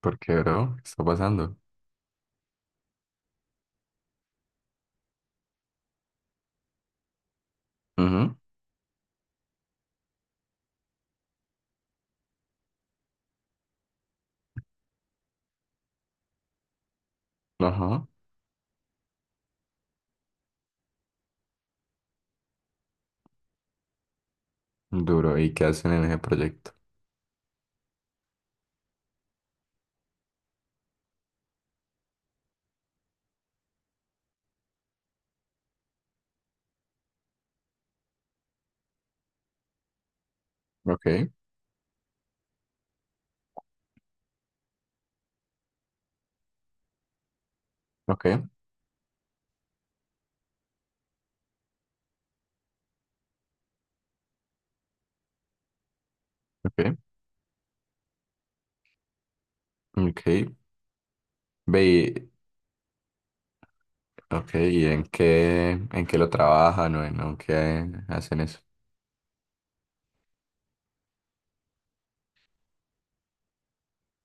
¿Porque, bro? ¿Qué está pasando? Ujú. Ajá. Duro. ¿Y qué hacen en ese proyecto? Ok, ok, ok, ok. Ve, y... ok, ¿y en qué, lo trabajan o en, o qué hacen eso?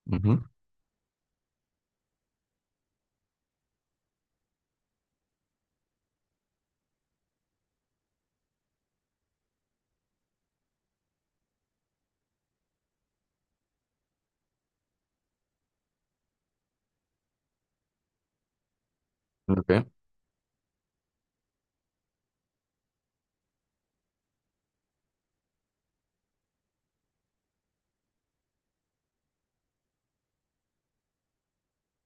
Ujú. Ok,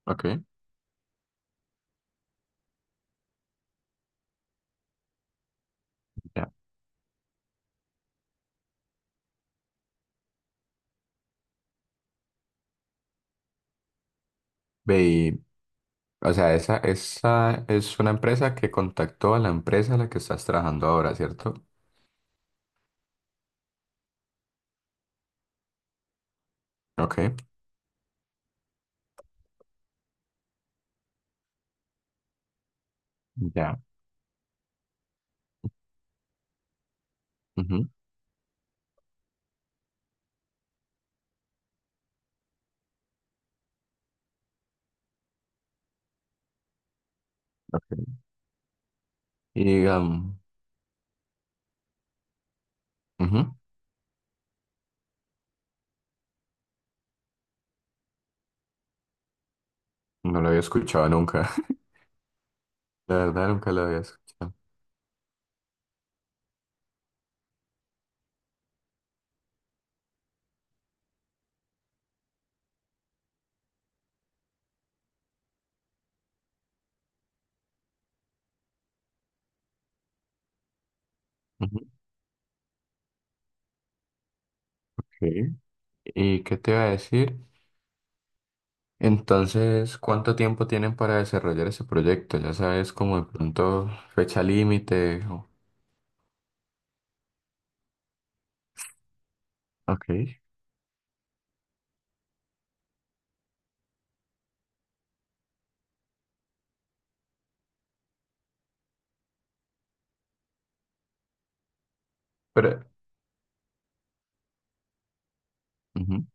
ok, ya. Ve, y, o sea, esa es una empresa que contactó a la empresa a la que estás trabajando ahora, ¿cierto? Ok, ya. Ujú, ok. Y, ujú, no lo había escuchado nunca. La verdad, nunca lo había escuchado. Ujú. Ok. ¿Y qué te iba a decir? Entonces, ¿cuánto tiempo tienen para desarrollar ese proyecto? Ya sabes, como de pronto fecha límite. O... ok. Pero, ujú.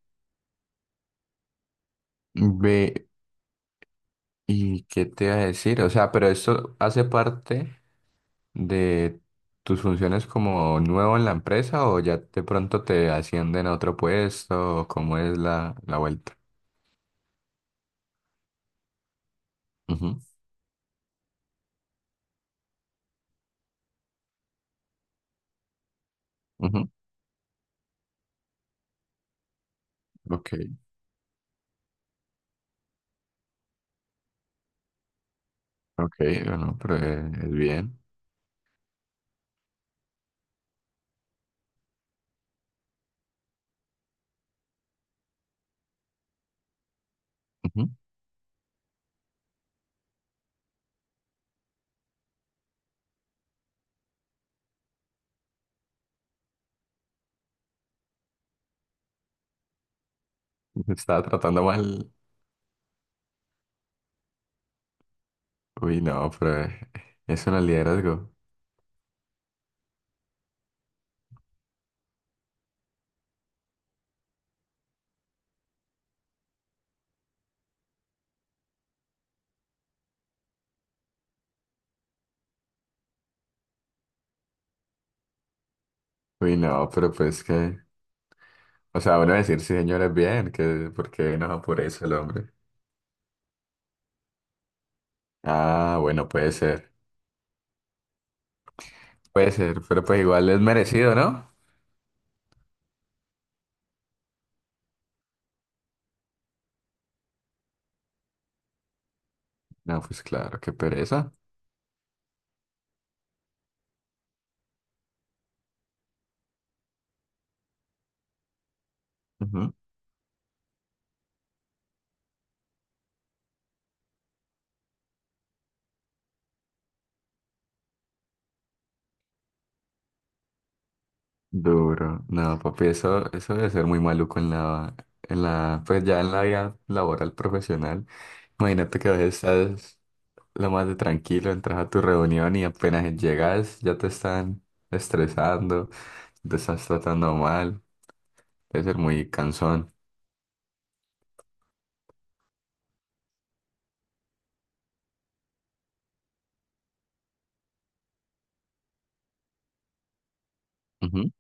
Ve, ¿y qué te iba a decir? O sea, pero esto hace parte de tus funciones como nuevo en la empresa o ya de pronto te ascienden a otro puesto o ¿cómo es la vuelta? Ujú, ujú. Ok, ok, bueno, pero es bien. Ujú. Estaba tratando mal. Uy, no, pero eso no es liderazgo. Uy, no, pero pues que... O sea, bueno, decir sí, señores, bien, que porque no por eso el hombre. Ah, bueno, puede ser. Puede ser, pero pues igual es merecido, ¿no? No, pues claro, qué pereza. Ujú. Duro. No, papi, eso debe ser muy maluco en en la, pues ya en la vida laboral profesional. Imagínate que a veces estás lo más de tranquilo, entras a tu reunión y apenas llegas ya te están estresando. Te estás tratando mal, debe ser muy cansón. Ujú.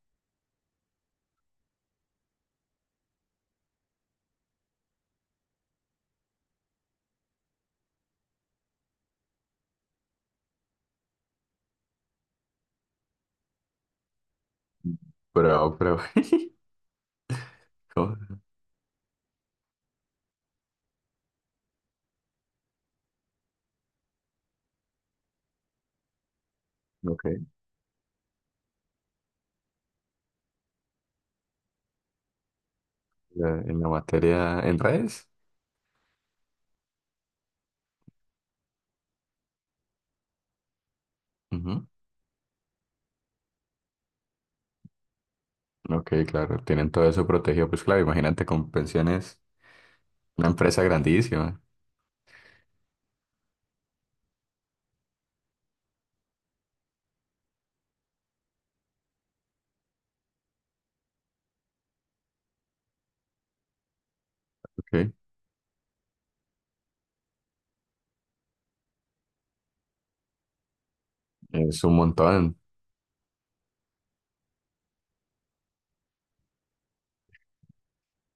Pero, ¿cómo? Ok, en la materia, en redes. Ujú. Ok, claro, tienen todo eso protegido, pues claro, imagínate con pensiones, una empresa grandísima, ok, es un montón.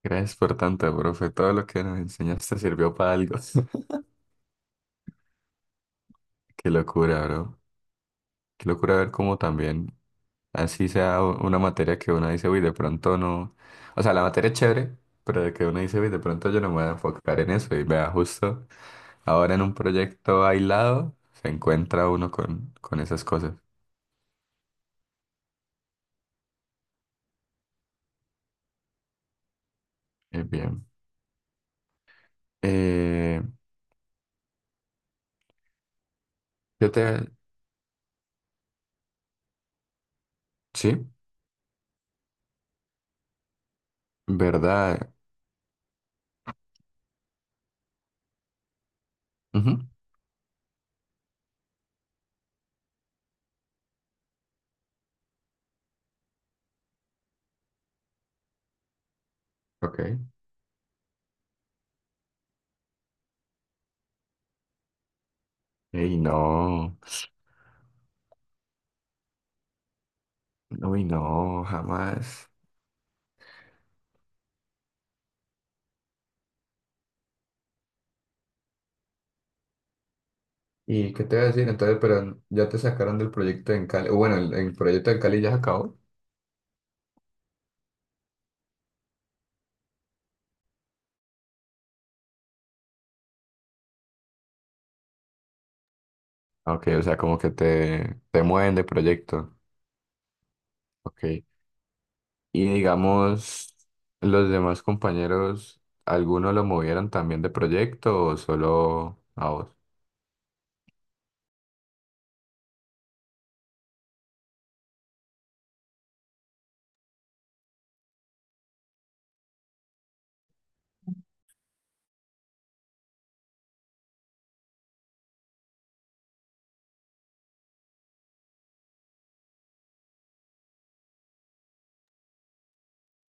Gracias por tanto, profe, todo lo que nos enseñaste sirvió para algo. Qué locura, bro, qué locura ver cómo también así sea una materia que uno dice, uy, de pronto no. O sea, la materia es chévere, pero de que uno dice, uy, de pronto yo no me voy a enfocar en eso. Y vea, justo ahora en un proyecto aislado se encuentra uno con esas cosas. Es bien. Eh, yo te... Sí, ¿verdad? Ujú. Ok. Ey, no. Uy, no, jamás. ¿Y qué te voy a decir? Entonces, pero ya te sacaron del proyecto en Cali. Bueno, el proyecto en Cali ya se acabó. Ok, o sea, como que te mueven de proyecto. Ok. Y digamos, los demás compañeros, ¿alguno lo movieron también de proyecto o solo a vos? O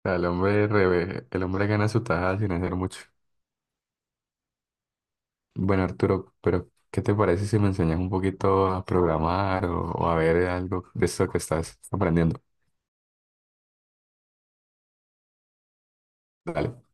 sea, el hombre, el hombre gana su tajada sin hacer mucho. Bueno, Arturo, pero ¿qué te parece si me enseñas un poquito a programar o a ver algo de esto que estás aprendiendo? Dale.